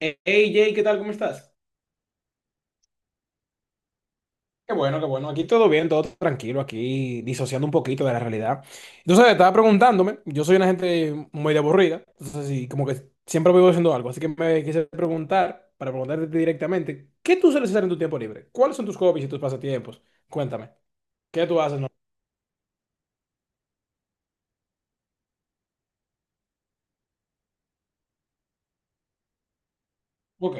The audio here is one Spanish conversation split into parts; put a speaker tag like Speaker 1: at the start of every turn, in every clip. Speaker 1: Hey Jay, ¿qué tal? ¿Cómo estás? Qué bueno, qué bueno. Aquí todo bien, todo tranquilo, aquí disociando un poquito de la realidad. Entonces, estaba preguntándome, yo soy una gente muy aburrida, entonces sí, como que siempre vivo haciendo algo, así que me quise preguntar, para preguntarte directamente, ¿qué tú sueles hacer en tu tiempo libre? ¿Cuáles son tus hobbies y tus pasatiempos? Cuéntame, ¿qué tú haces? ¿No? Ok.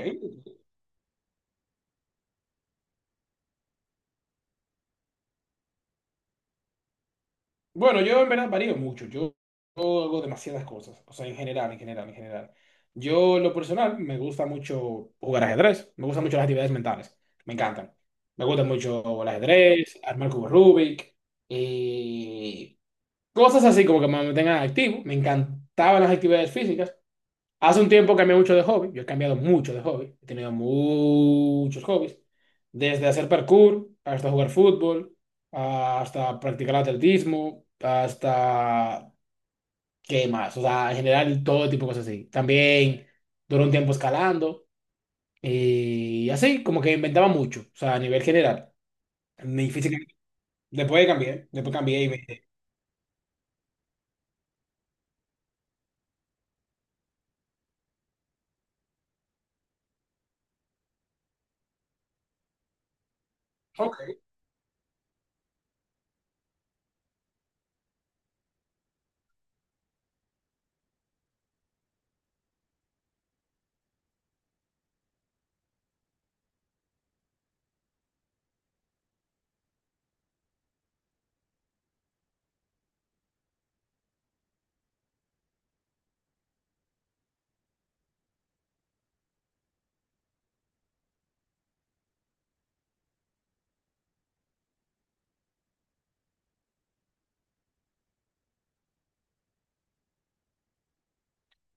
Speaker 1: Bueno, yo en verdad varío mucho. Yo hago demasiadas cosas. O sea, en general, en general, en general. Yo, en lo personal, me gusta mucho jugar ajedrez. Me gustan mucho las actividades mentales. Me encantan. Me gusta mucho el ajedrez, armar cubos Rubik. Y cosas así como que me mantengan activo. Me encantaban las actividades físicas. Hace un tiempo cambié mucho de hobby. Yo he cambiado mucho de hobby. He tenido muchos hobbies. Desde hacer parkour, hasta jugar fútbol, hasta practicar atletismo, hasta... ¿Qué más? O sea, en general todo tipo de cosas así. También duró un tiempo escalando y así, como que inventaba mucho. O sea, a nivel general. Mi física... después cambié y me... Ok.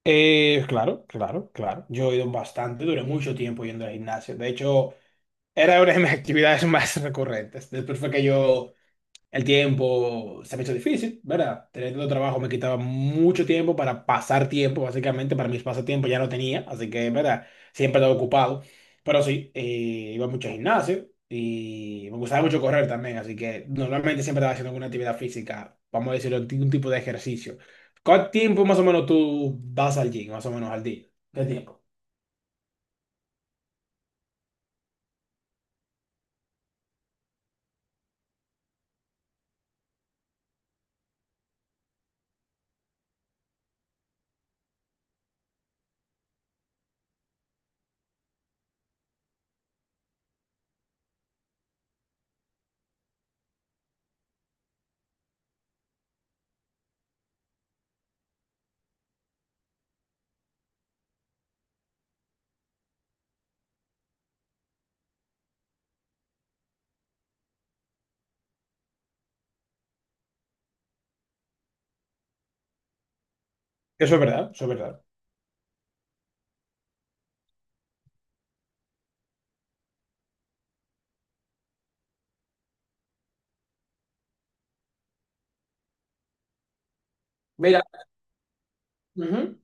Speaker 1: Claro, claro, claro. Yo he ido bastante, duré mucho tiempo yendo al gimnasio. De hecho... Era una de mis actividades más recurrentes. Después fue que yo, el tiempo se me hizo difícil, ¿verdad? Tener tanto trabajo me quitaba mucho tiempo para pasar tiempo, básicamente, para mis pasatiempos ya no tenía, así que, ¿verdad? Siempre estaba ocupado. Pero sí, iba mucho al gimnasio y me gustaba mucho correr también, así que normalmente siempre estaba haciendo alguna actividad física, vamos a decirlo, algún tipo de ejercicio. ¿Cuánto tiempo más o menos tú vas al gym, más o menos al día? ¿Qué tiempo? Eso es verdad, eso es verdad. Mira. Ujú.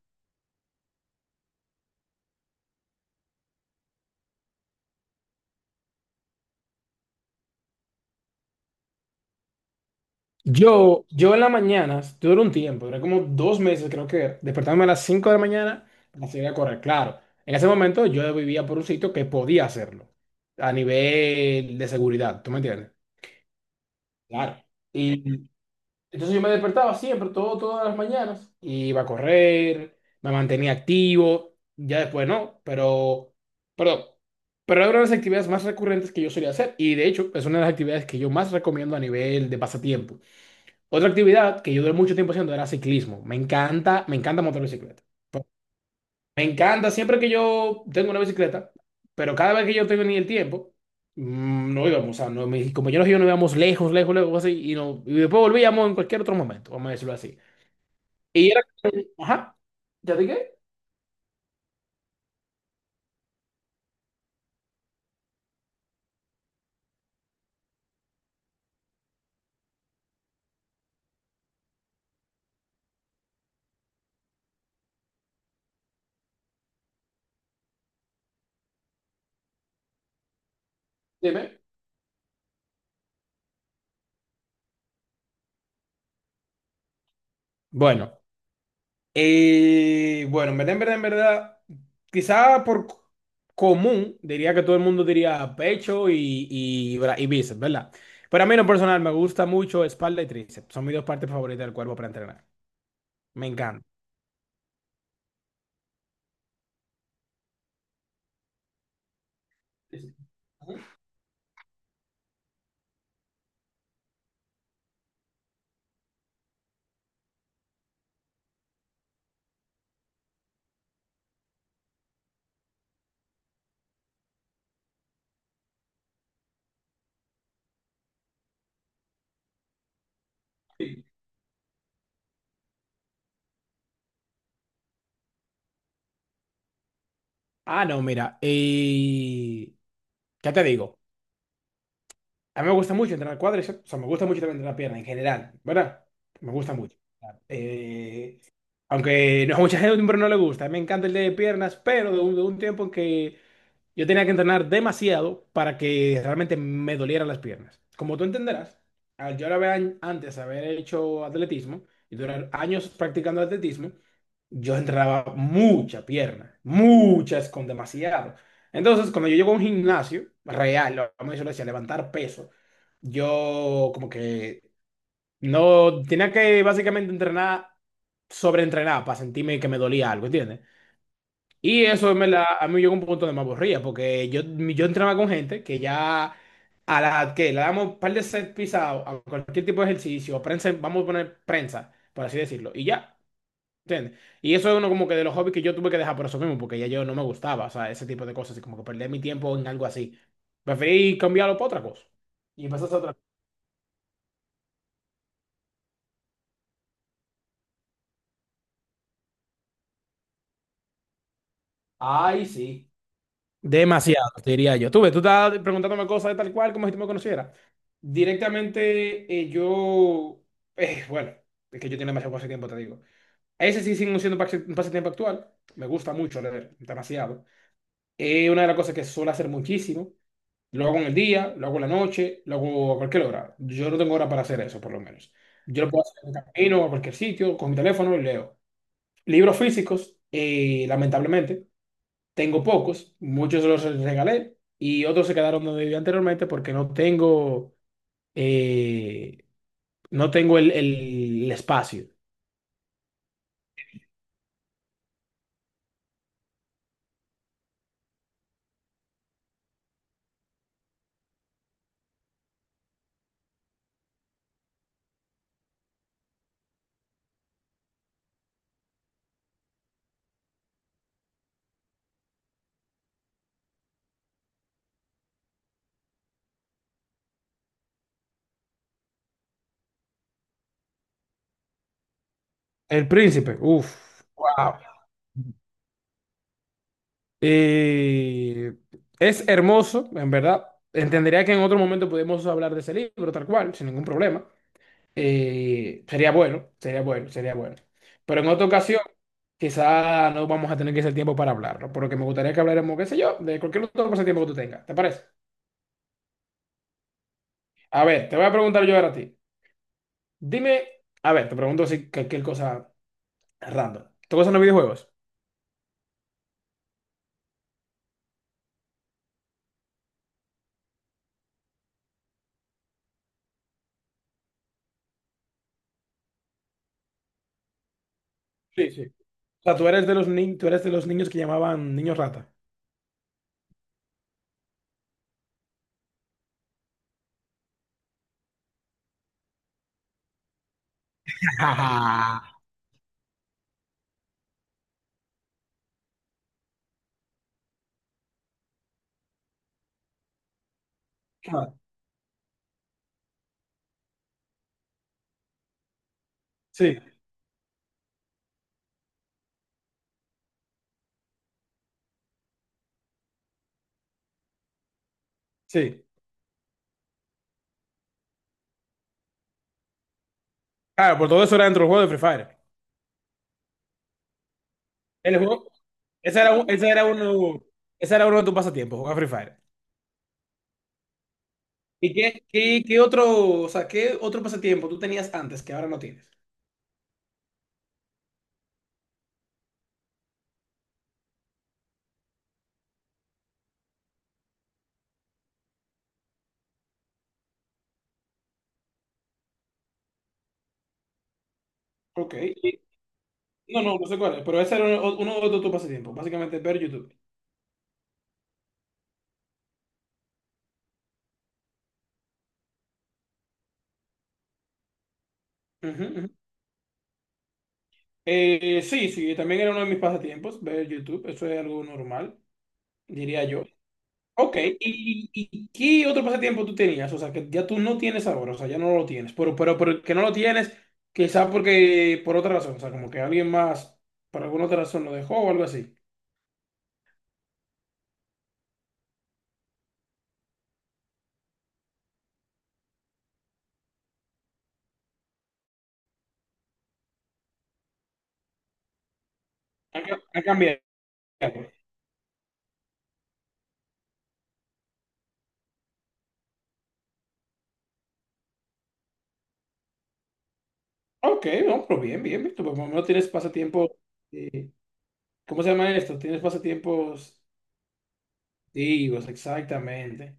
Speaker 1: Yo en las mañanas, duró un tiempo, duré como dos meses, creo que despertándome a las 5 de la mañana para salir a correr. Claro, en ese momento yo vivía por un sitio que podía hacerlo a nivel de seguridad, ¿tú me entiendes? Claro. Y entonces yo me despertaba siempre, todo, todas las mañanas, iba a correr, me mantenía activo, ya después no, pero, perdón, pero era una de las actividades más recurrentes que yo solía hacer y de hecho es una de las actividades que yo más recomiendo a nivel de pasatiempo. Otra actividad que yo duré mucho tiempo haciendo era ciclismo. Me encanta montar bicicleta. Me encanta siempre que yo tengo una bicicleta, pero cada vez que yo tengo ni el tiempo, no íbamos, o sea, no, mis compañeros y yo no íbamos lejos, lejos, lejos, así, y, no, y después volvíamos en cualquier otro momento, vamos a decirlo así. Y era, ajá, ¿ya dije? Dime. Bueno, bueno, en verdad, en verdad, en verdad, quizá por c- común, diría que todo el mundo diría pecho y bíceps, ¿verdad? Pero a mí en lo personal me gusta mucho espalda y tríceps. Son mis dos partes favoritas del cuerpo para entrenar. Me encanta. Ah, no, mira, ¿qué te digo? A mí me gusta mucho entrenar cuádriceps, o sea, me gusta mucho también entrenar pierna en general, ¿verdad? Me gusta mucho. Claro. Aunque no, a mucha gente no le gusta, me encanta el de piernas, pero de un tiempo en que yo tenía que entrenar demasiado para que realmente me dolieran las piernas. Como tú entenderás, al yo ahora antes haber hecho atletismo y durar años practicando atletismo, yo entrenaba mucha pierna, muchas con demasiado. Entonces, cuando yo llego a un gimnasio real, vamos a decirlo así, a levantar peso, yo como que no tenía que básicamente entrenar, sobreentrenar para sentirme que me dolía algo, ¿entiendes? Y eso me la, a mí me llegó un punto de me aburría, porque yo entraba con gente que ya a la que le damos un par de set pisados a cualquier tipo de ejercicio, prensa, vamos a poner prensa, por así decirlo, y ya, ¿entiendes? Y eso es uno como que de los hobbies que yo tuve que dejar por eso mismo, porque ya yo no me gustaba, o sea, ese tipo de cosas, y como que perder mi tiempo en algo así. Preferí cambiarlo por otra cosa. Y empezó a hacer otra. Ay, sí. Demasiado, te diría yo. Tú ves, tú estás preguntándome cosas de tal cual como si tú me conocieras. Directamente, yo. Bueno, es que yo tengo demasiado tiempo, te digo. Ese sí sigue siendo un pasatiempo actual. Me gusta mucho leer, demasiado. Es una de las cosas que suelo hacer muchísimo. Lo hago en el día, lo hago en la noche, lo hago a cualquier hora. Yo no tengo hora para hacer eso, por lo menos. Yo lo puedo hacer en el camino, a cualquier sitio, con mi teléfono y leo. Libros físicos, lamentablemente. Tengo pocos, muchos los regalé y otros se quedaron donde vivía anteriormente porque no tengo, eh, no tengo el espacio. El príncipe, uff. Wow. Eh, es hermoso, en verdad. Entendería que en otro momento podemos hablar de ese libro, tal cual, sin ningún problema. Sería bueno, sería bueno, sería bueno. Pero en otra ocasión, quizá no vamos a tener que hacer tiempo para hablarlo, por lo que me gustaría que habláramos, qué sé yo, de cualquier otro tiempo que tú tengas. ¿Te parece? A ver, te voy a preguntar yo ahora a ti. Dime, a ver, te pregunto si cualquier cosa random. ¿Te gustan los videojuegos? Sí, sí. O sea, tú eres de los ni- tú eres de los niños que llamaban niños rata. Ah, sí, sí. Claro, por todo eso era dentro del juego de Free Fire. El juego, ese era, un- ese era uno, ese era uno de tus pasatiempos, jugar Free Fire. ¿Y qué otro, o sea, qué otro pasatiempo tú tenías antes que ahora no tienes? Ok. Y no, no, no sé cuál es, pero ese era uno, uno de tus pasatiempos, básicamente ver YouTube. Ujú, ujú. Sí, sí, también era uno de mis pasatiempos ver YouTube, eso es algo normal, diría yo. Ok, y qué otro pasatiempo tú tenías? O sea, que ya tú no tienes ahora, o sea, ya no lo tienes, pero que no lo tienes, quizá porque por otra razón, o sea, como que alguien más, por alguna otra razón lo dejó o algo así. Ha cambiado. Ok, no, pero bien, bien, bien, tú por lo menos tienes pasatiempos, eh, ¿cómo se llama esto? Tienes pasatiempos activos, exactamente.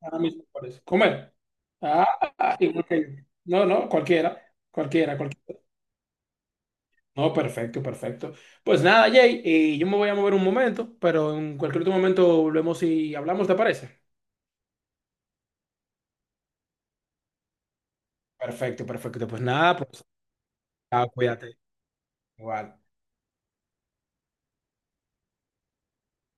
Speaker 1: Ahora mismo por eso. Comer. No, no, cualquiera. Cualquiera, cualquiera. No, perfecto, perfecto. Pues nada, Jay, yo me voy a mover un momento, pero en cualquier otro momento volvemos y hablamos, ¿te parece? Perfecto, perfecto. Pues nada, pues, ah, cuídate. Igual.